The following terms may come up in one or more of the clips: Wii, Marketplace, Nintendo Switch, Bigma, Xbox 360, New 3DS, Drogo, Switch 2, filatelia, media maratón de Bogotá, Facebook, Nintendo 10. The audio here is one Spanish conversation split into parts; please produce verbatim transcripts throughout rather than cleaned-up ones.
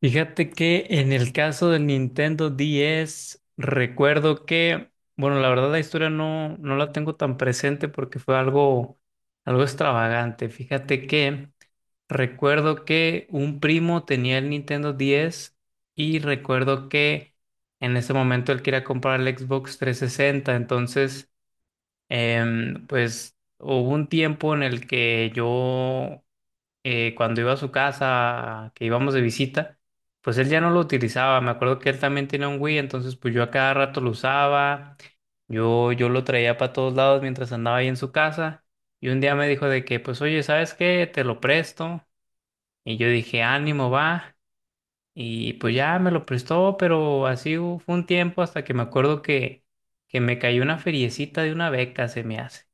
Fíjate que en el caso del Nintendo diez, recuerdo que, bueno, la verdad la historia no, no la tengo tan presente porque fue algo, algo extravagante. Fíjate que recuerdo que un primo tenía el Nintendo diez y recuerdo que en ese momento él quería comprar el Xbox trescientos sesenta, entonces, em, pues hubo un tiempo en el que yo eh, cuando iba a su casa, que íbamos de visita, pues él ya no lo utilizaba. Me acuerdo que él también tenía un Wii, entonces pues yo a cada rato lo usaba. Yo, yo lo traía para todos lados mientras andaba ahí en su casa. Y un día me dijo de que, pues oye, ¿sabes qué? Te lo presto. Y yo dije, ánimo, va. Y pues ya me lo prestó, pero así hu- fue un tiempo hasta que me acuerdo que, que me cayó una feriecita de una beca, se me hace.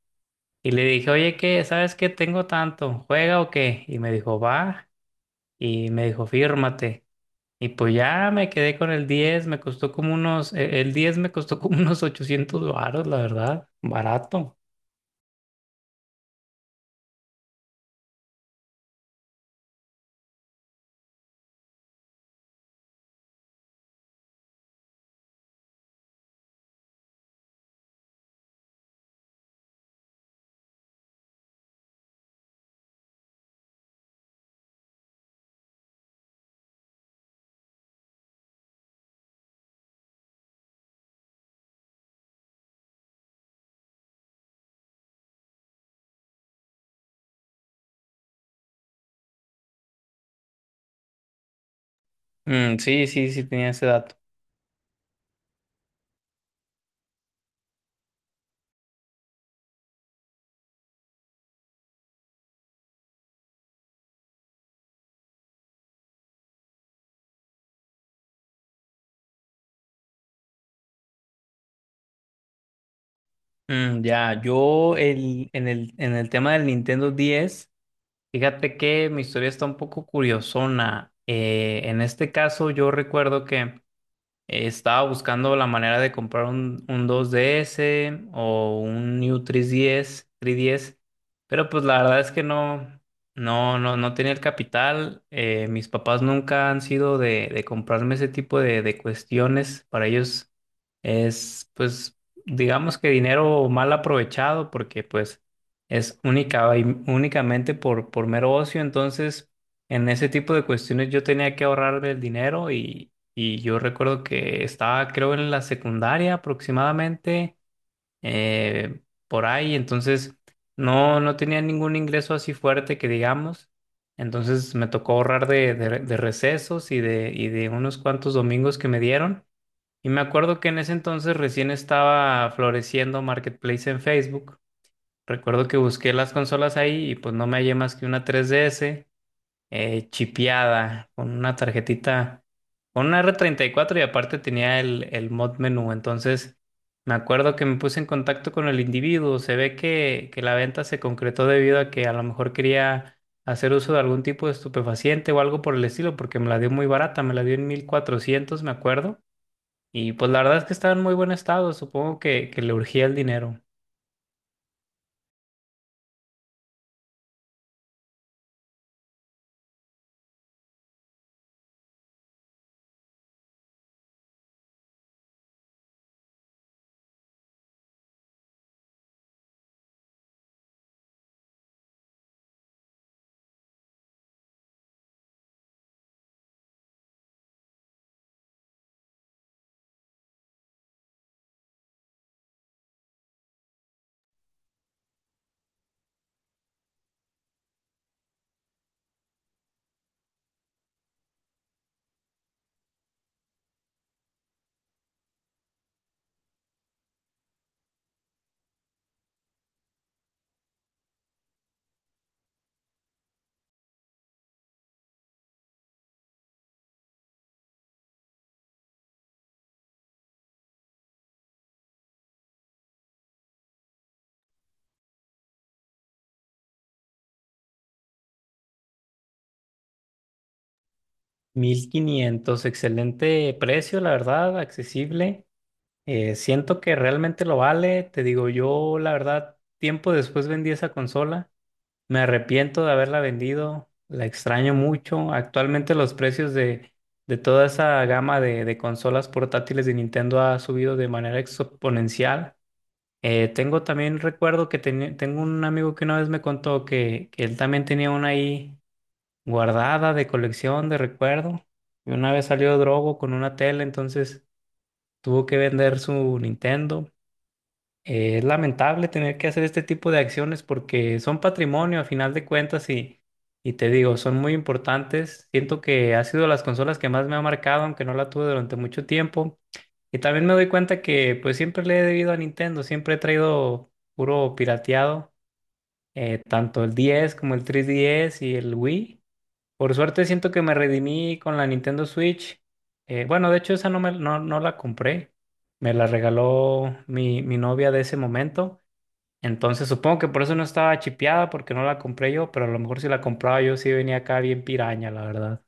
Y le dije, oye, ¿qué? ¿Sabes qué? Tengo tanto, ¿juega o qué? Y me dijo, va, y me dijo, fírmate. Y pues ya me quedé con el diez, me costó como unos, e- el diez me costó como unos ochocientos varos, la verdad, barato. Mm, sí, sí, sí, tenía ese dato. Mm, ya, yo el, en el, en el tema del Nintendo diez, fíjate que mi historia está un poco curiosona. Eh, en este caso, yo recuerdo que Eh, estaba buscando la manera de comprar un, un dos D S o un New tres D S tres D S, pero pues la verdad es que no, no, no, no tenía el capital. Eh, mis papás nunca han sido de, de comprarme ese tipo de, de cuestiones. Para ellos es, pues, digamos que dinero mal aprovechado porque pues es única y únicamente por, por mero ocio. Entonces, en ese tipo de cuestiones yo tenía que ahorrarme el dinero, y y yo recuerdo que estaba, creo, en la secundaria aproximadamente, eh, por ahí, entonces no, no tenía ningún ingreso así fuerte que digamos. Entonces me tocó ahorrar de, de, de recesos y de, y de unos cuantos domingos que me dieron. Y me acuerdo que en ese entonces recién estaba floreciendo Marketplace en Facebook. Recuerdo que busqué las consolas ahí y pues no me hallé más que una tres D S eh, chipeada, con una tarjetita, con una r treinta y cuatro, y aparte tenía el, el mod menú. Entonces, me acuerdo que me puse en contacto con el individuo. Se ve que, que la venta se concretó debido a que a lo mejor quería hacer uso de algún tipo de estupefaciente o algo por el estilo, porque me la dio muy barata, me la dio en mil cuatrocientos, me acuerdo. Y pues la verdad es que estaba en muy buen estado, supongo que, que le urgía el dinero. Mil quinientos, excelente precio, la verdad, accesible. Eh, siento que realmente lo vale. Te digo, yo la verdad, tiempo después vendí esa consola. Me arrepiento de haberla vendido. La extraño mucho. Actualmente los precios de, de toda esa gama de, de consolas portátiles de Nintendo ha subido de manera exponencial. Eh, tengo también recuerdo que teni- tengo un amigo que una vez me contó que, que él también tenía una ahí guardada de colección, de recuerdo. Y una vez salió Drogo con una tele, entonces tuvo que vender su Nintendo. Eh, es lamentable tener que hacer este tipo de acciones porque son patrimonio a final de cuentas, y, y te digo, son muy importantes. Siento que ha sido las consolas que más me ha marcado, aunque no la tuve durante mucho tiempo. Y también me doy cuenta que pues siempre le he debido a Nintendo, siempre he traído puro pirateado, eh, tanto el diez como el tres D S y el Wii. Por suerte siento que me redimí con la Nintendo Switch. Eh, bueno, de hecho esa no, me, no, no la compré, me la regaló mi, mi novia de ese momento. Entonces supongo que por eso no estaba chipeada, porque no la compré yo, pero a lo mejor si la compraba yo sí venía acá bien piraña, la verdad.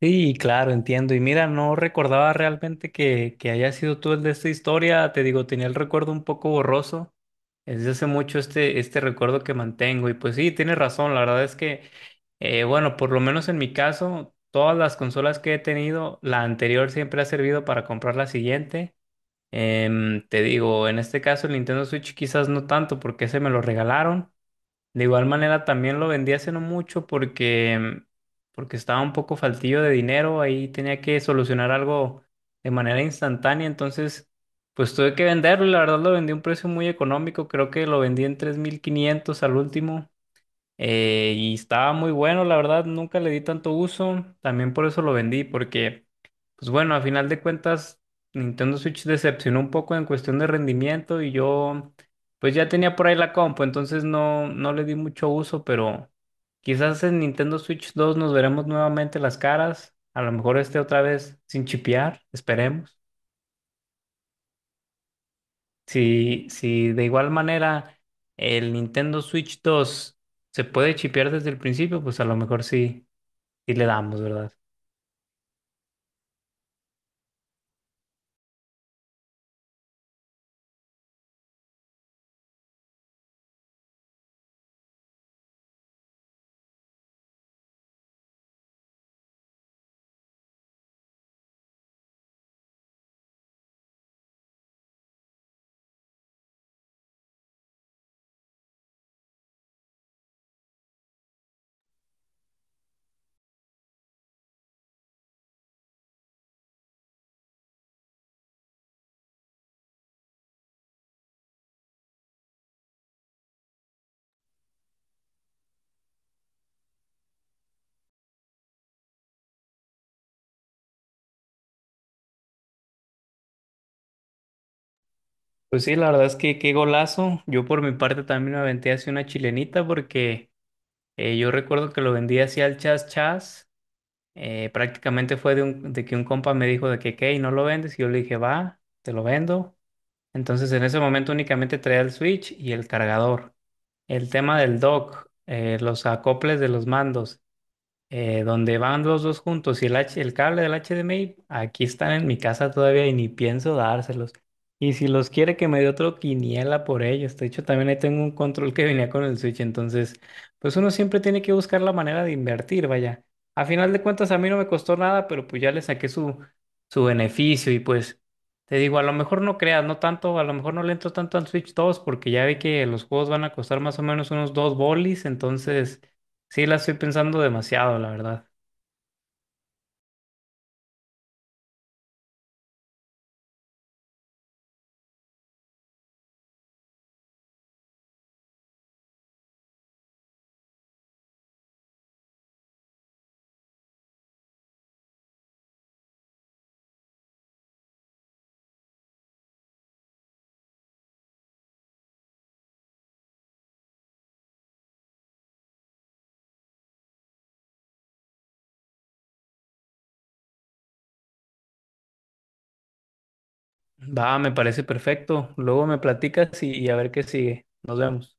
Sí, claro, entiendo. Y mira, no recordaba realmente que, que haya sido tú el de esta historia. Te digo, tenía el recuerdo un poco borroso. Es Desde hace mucho este, este recuerdo que mantengo. Y pues sí, tienes razón. La verdad es que, eh, bueno, por lo menos en mi caso, todas las consolas que he tenido, la anterior siempre ha servido para comprar la siguiente. Em, te digo, en este caso el Nintendo Switch quizás no tanto porque se me lo regalaron. De igual manera también lo vendí hace no mucho porque, em, porque estaba un poco faltillo de dinero, ahí tenía que solucionar algo de manera instantánea, entonces pues tuve que venderlo, y la verdad lo vendí a un precio muy económico, creo que lo vendí en tres mil quinientos al último. Eh, y estaba muy bueno, la verdad, nunca le di tanto uso. También por eso lo vendí, porque, pues bueno, a final de cuentas, Nintendo Switch decepcionó un poco en cuestión de rendimiento, y yo, pues ya tenía por ahí la compu, entonces no, no le di mucho uso, pero quizás en Nintendo Switch dos nos veremos nuevamente las caras. A lo mejor esté otra vez sin chipear, esperemos. Si, si de igual manera el Nintendo Switch dos se puede chipear desde el principio, pues a lo mejor sí. Y le damos, ¿verdad? Pues sí, la verdad es que qué golazo. Yo por mi parte también me aventé así una chilenita porque eh, yo recuerdo que lo vendí así al chas chas. Eh, prácticamente fue de, un, de que un compa me dijo de que, ¿qué? ¿Y no lo vendes? Y yo le dije, va, te lo vendo. Entonces en ese momento únicamente traía el switch y el cargador. El tema del dock, eh, los acoples de los mandos, eh, donde van los dos juntos, y el, H- el cable del H D M I, aquí están en mi casa todavía y ni pienso dárselos. Y si los quiere que me dé otro quiniela por ellos. De hecho, también ahí tengo un control que venía con el Switch. Entonces, pues uno siempre tiene que buscar la manera de invertir, vaya. A final de cuentas, a mí no me costó nada, pero pues ya le saqué su, su beneficio. Y pues, te digo, a lo mejor no creas, no tanto, a lo mejor no le entro tanto al Switch dos porque ya vi que los juegos van a costar más o menos unos dos bolis. Entonces... Sí, la estoy pensando demasiado, la verdad. Va, me parece perfecto. Luego me platicas y, y a ver qué sigue. Nos vemos.